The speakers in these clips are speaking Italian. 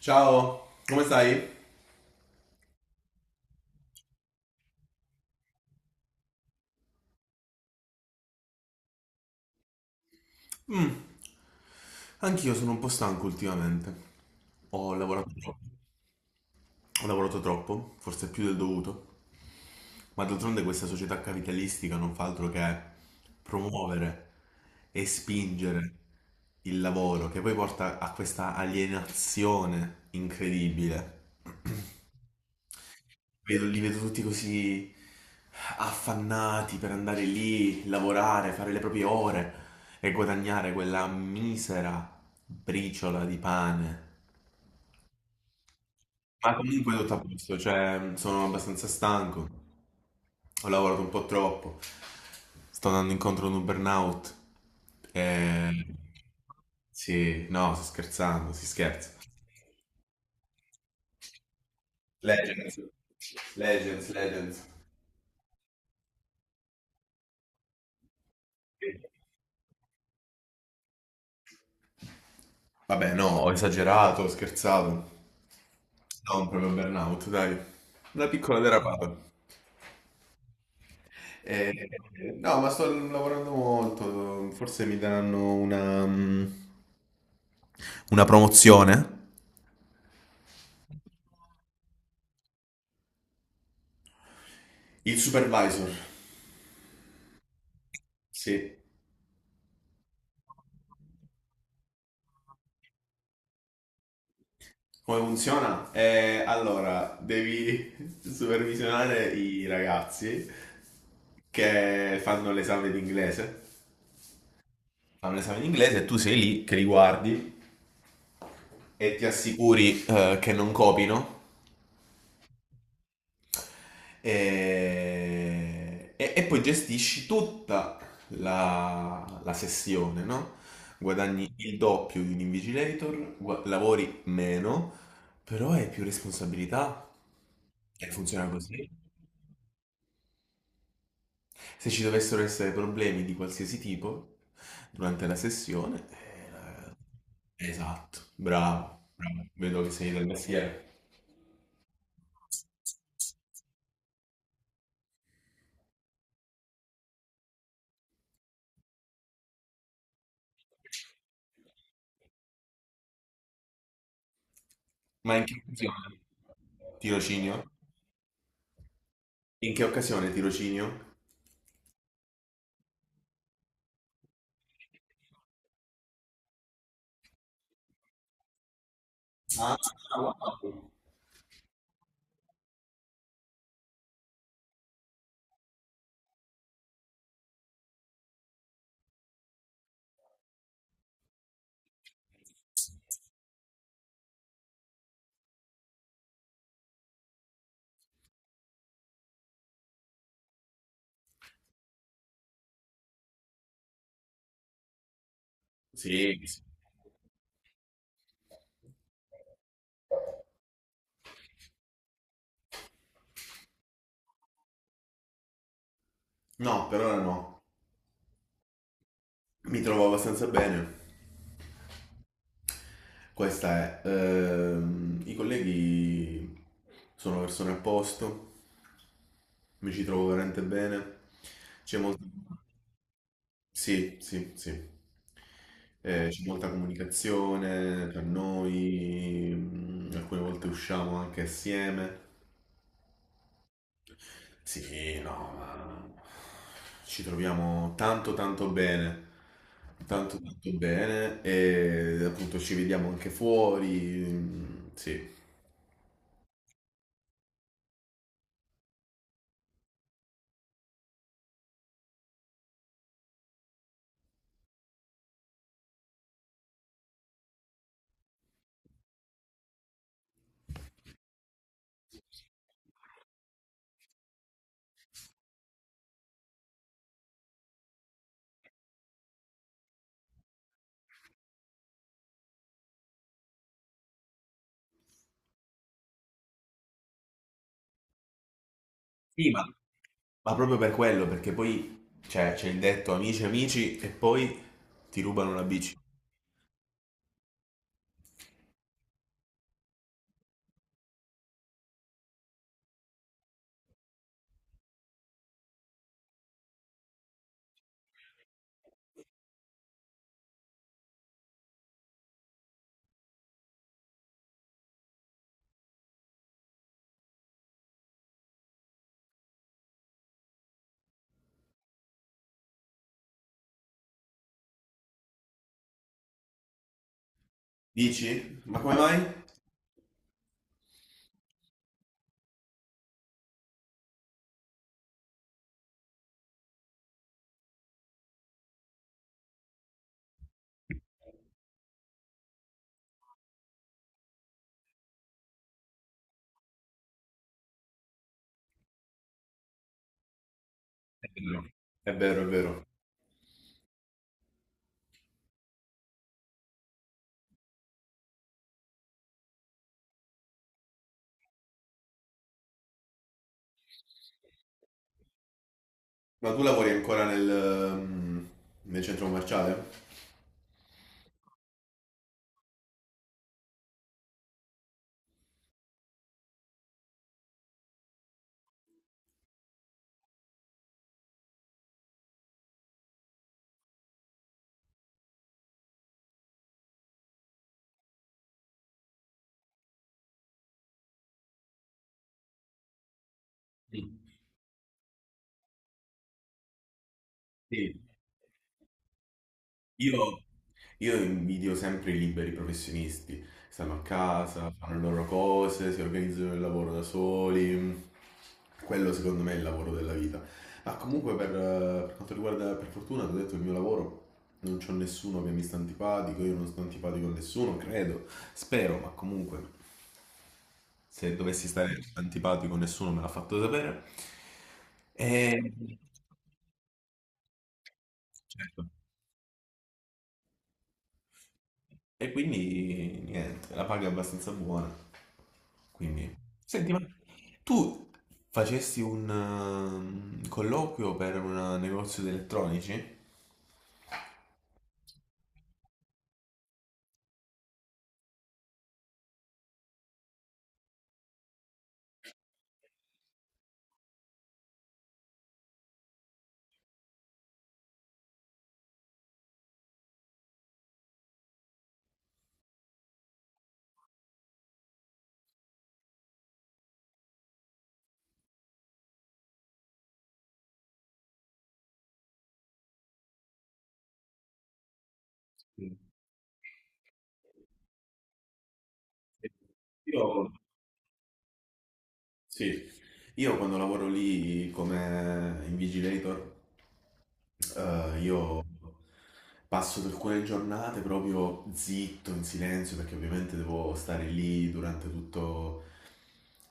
Ciao, come stai? Anch'io sono un po' stanco ultimamente. Ho lavorato troppo. Ho lavorato troppo, forse più del dovuto. Ma d'altronde questa società capitalistica non fa altro che promuovere e spingere il lavoro, che poi porta a questa alienazione incredibile. Li vedo tutti così affannati per andare lì, lavorare, fare le proprie ore e guadagnare quella misera briciola di pane. Ma comunque tutto a posto, cioè sono abbastanza stanco, ho lavorato un po' troppo, sto andando incontro a un burnout. E... Sì, no, sto scherzando, si scherza. Legends, Legends, Legends. Vabbè, no, ho esagerato, ho scherzato. Non proprio burnout, dai. Una piccola derapata. Eh, no, ma sto lavorando molto, forse mi daranno una, una promozione. Il supervisor, sì. Come funziona? Allora, devi supervisionare i ragazzi che fanno l'esame di inglese. Fanno l'esame di inglese e tu sei lì che li guardi e ti assicuri che non copino e, e poi gestisci tutta la sessione, no? Guadagni il doppio di un invigilator, lavori meno, però hai più responsabilità. E funziona così. Se ci dovessero essere problemi di qualsiasi tipo durante la sessione, esatto, bravo, bravo, vedo che sei del mestiere. Ma in che occasione? Tirocinio? In che occasione tirocinio? Ah, wow. Sì, sì. No, per ora no. Mi trovo abbastanza bene. Questa è, i colleghi sono persone a posto, mi ci trovo veramente bene. C'è sì, sì, sì. C'è molta comunicazione tra noi, alcune volte usciamo anche assieme. Sì, no, ma ci troviamo tanto tanto bene e appunto ci vediamo anche fuori, sì. Sì, ma proprio per quello, perché poi cioè, c'è il detto amici amici e poi ti rubano la bici. Dici? Ma come mai? È vero. È vero, è vero. Ma tu lavori ancora nel centro commerciale? Sì. Sì. Io, Io invidio sempre i liberi professionisti. Stanno a casa, fanno le loro cose, si organizzano il lavoro da soli. Quello secondo me è il lavoro della vita. Ma comunque per quanto riguarda, per fortuna, ti ho detto il mio lavoro, non c'ho nessuno che mi sta antipatico, io non sto antipatico a nessuno, credo, spero, ma comunque se dovessi stare antipatico nessuno me l'ha fatto sapere. E, certo. E quindi niente, la paga è abbastanza buona. Quindi, senti, ma tu facesti un colloquio per un negozio di elettronici? Sì. Io, sì, io quando lavoro lì come invigilator eh, io passo per alcune giornate proprio zitto, in silenzio, perché ovviamente devo stare lì durante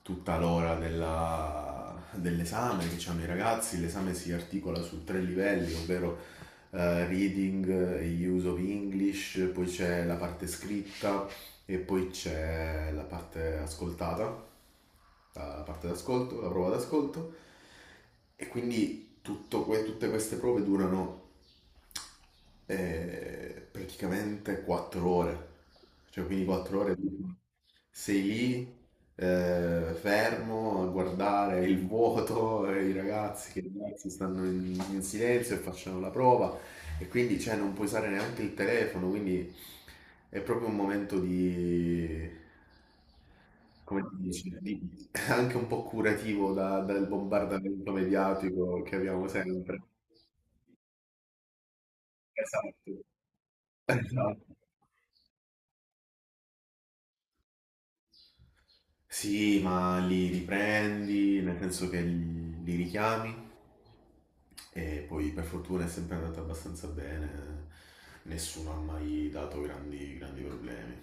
tutta l'ora dell'esame che hanno i ragazzi. L'esame si articola su tre livelli, ovvero reading e use of English, poi c'è la parte scritta e poi c'è la parte ascoltata, la parte d'ascolto, la prova d'ascolto e quindi tutte queste prove durano praticamente 4 ore, cioè quindi 4 ore sei lì fermo a guardare il vuoto, i ragazzi che ragazzi stanno in silenzio e facciano la prova e quindi cioè, non puoi usare neanche il telefono, quindi è proprio un momento di come dici, anche un po' curativo dal bombardamento mediatico che abbiamo sempre. Esatto, esatto. Sì, ma li riprendi, nel senso che li richiami e poi per fortuna è sempre andata abbastanza bene, nessuno ha mai dato grandi, grandi problemi.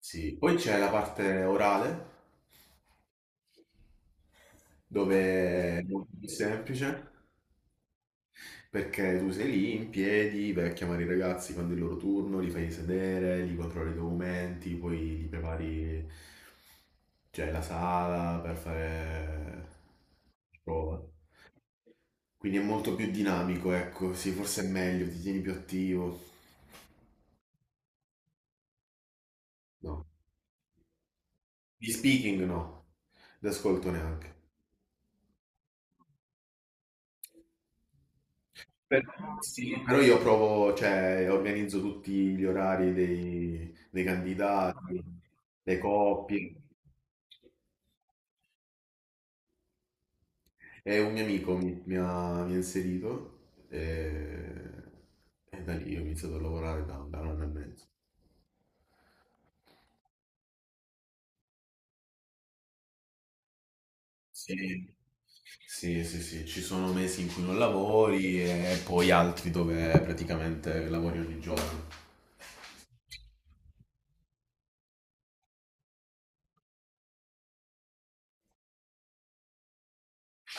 Sì, poi c'è la parte orale dove è molto più semplice. Perché tu sei lì in piedi, vai a chiamare i ragazzi quando è il loro turno, li fai sedere, li controlli i documenti, poi li prepari, cioè, la sala per fare prova. Quindi è molto più dinamico, ecco, sì, forse è meglio, ti tieni più attivo. No. Di speaking no, d'ascolto neanche. Per- sì. Però io provo, cioè, organizzo tutti gli orari dei candidati, le coppie. E un mio amico mi ha inserito e, e da lì ho iniziato a lavorare da 1 anno e mezzo. Sì. Sì, sì, sì, ci sono mesi in cui non lavori e poi altri dove praticamente lavori ogni giorno.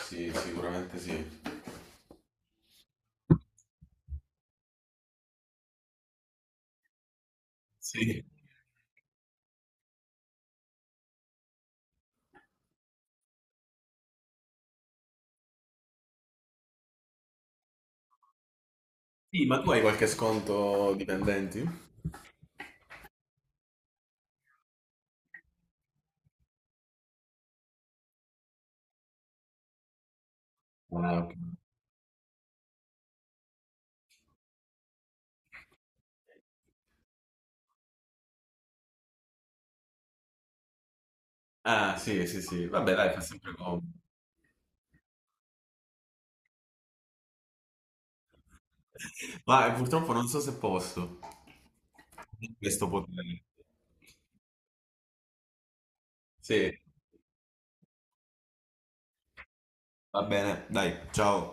Sì, sicuramente sì. Sì. Sì, ma tu hai qualche sconto dipendenti? Ah, ok. Ah, sì, sì, sì. Vabbè, dai, fa sempre comodo. Ma purtroppo non so se posso. Questo potere. Sì. Va bene, dai, ciao.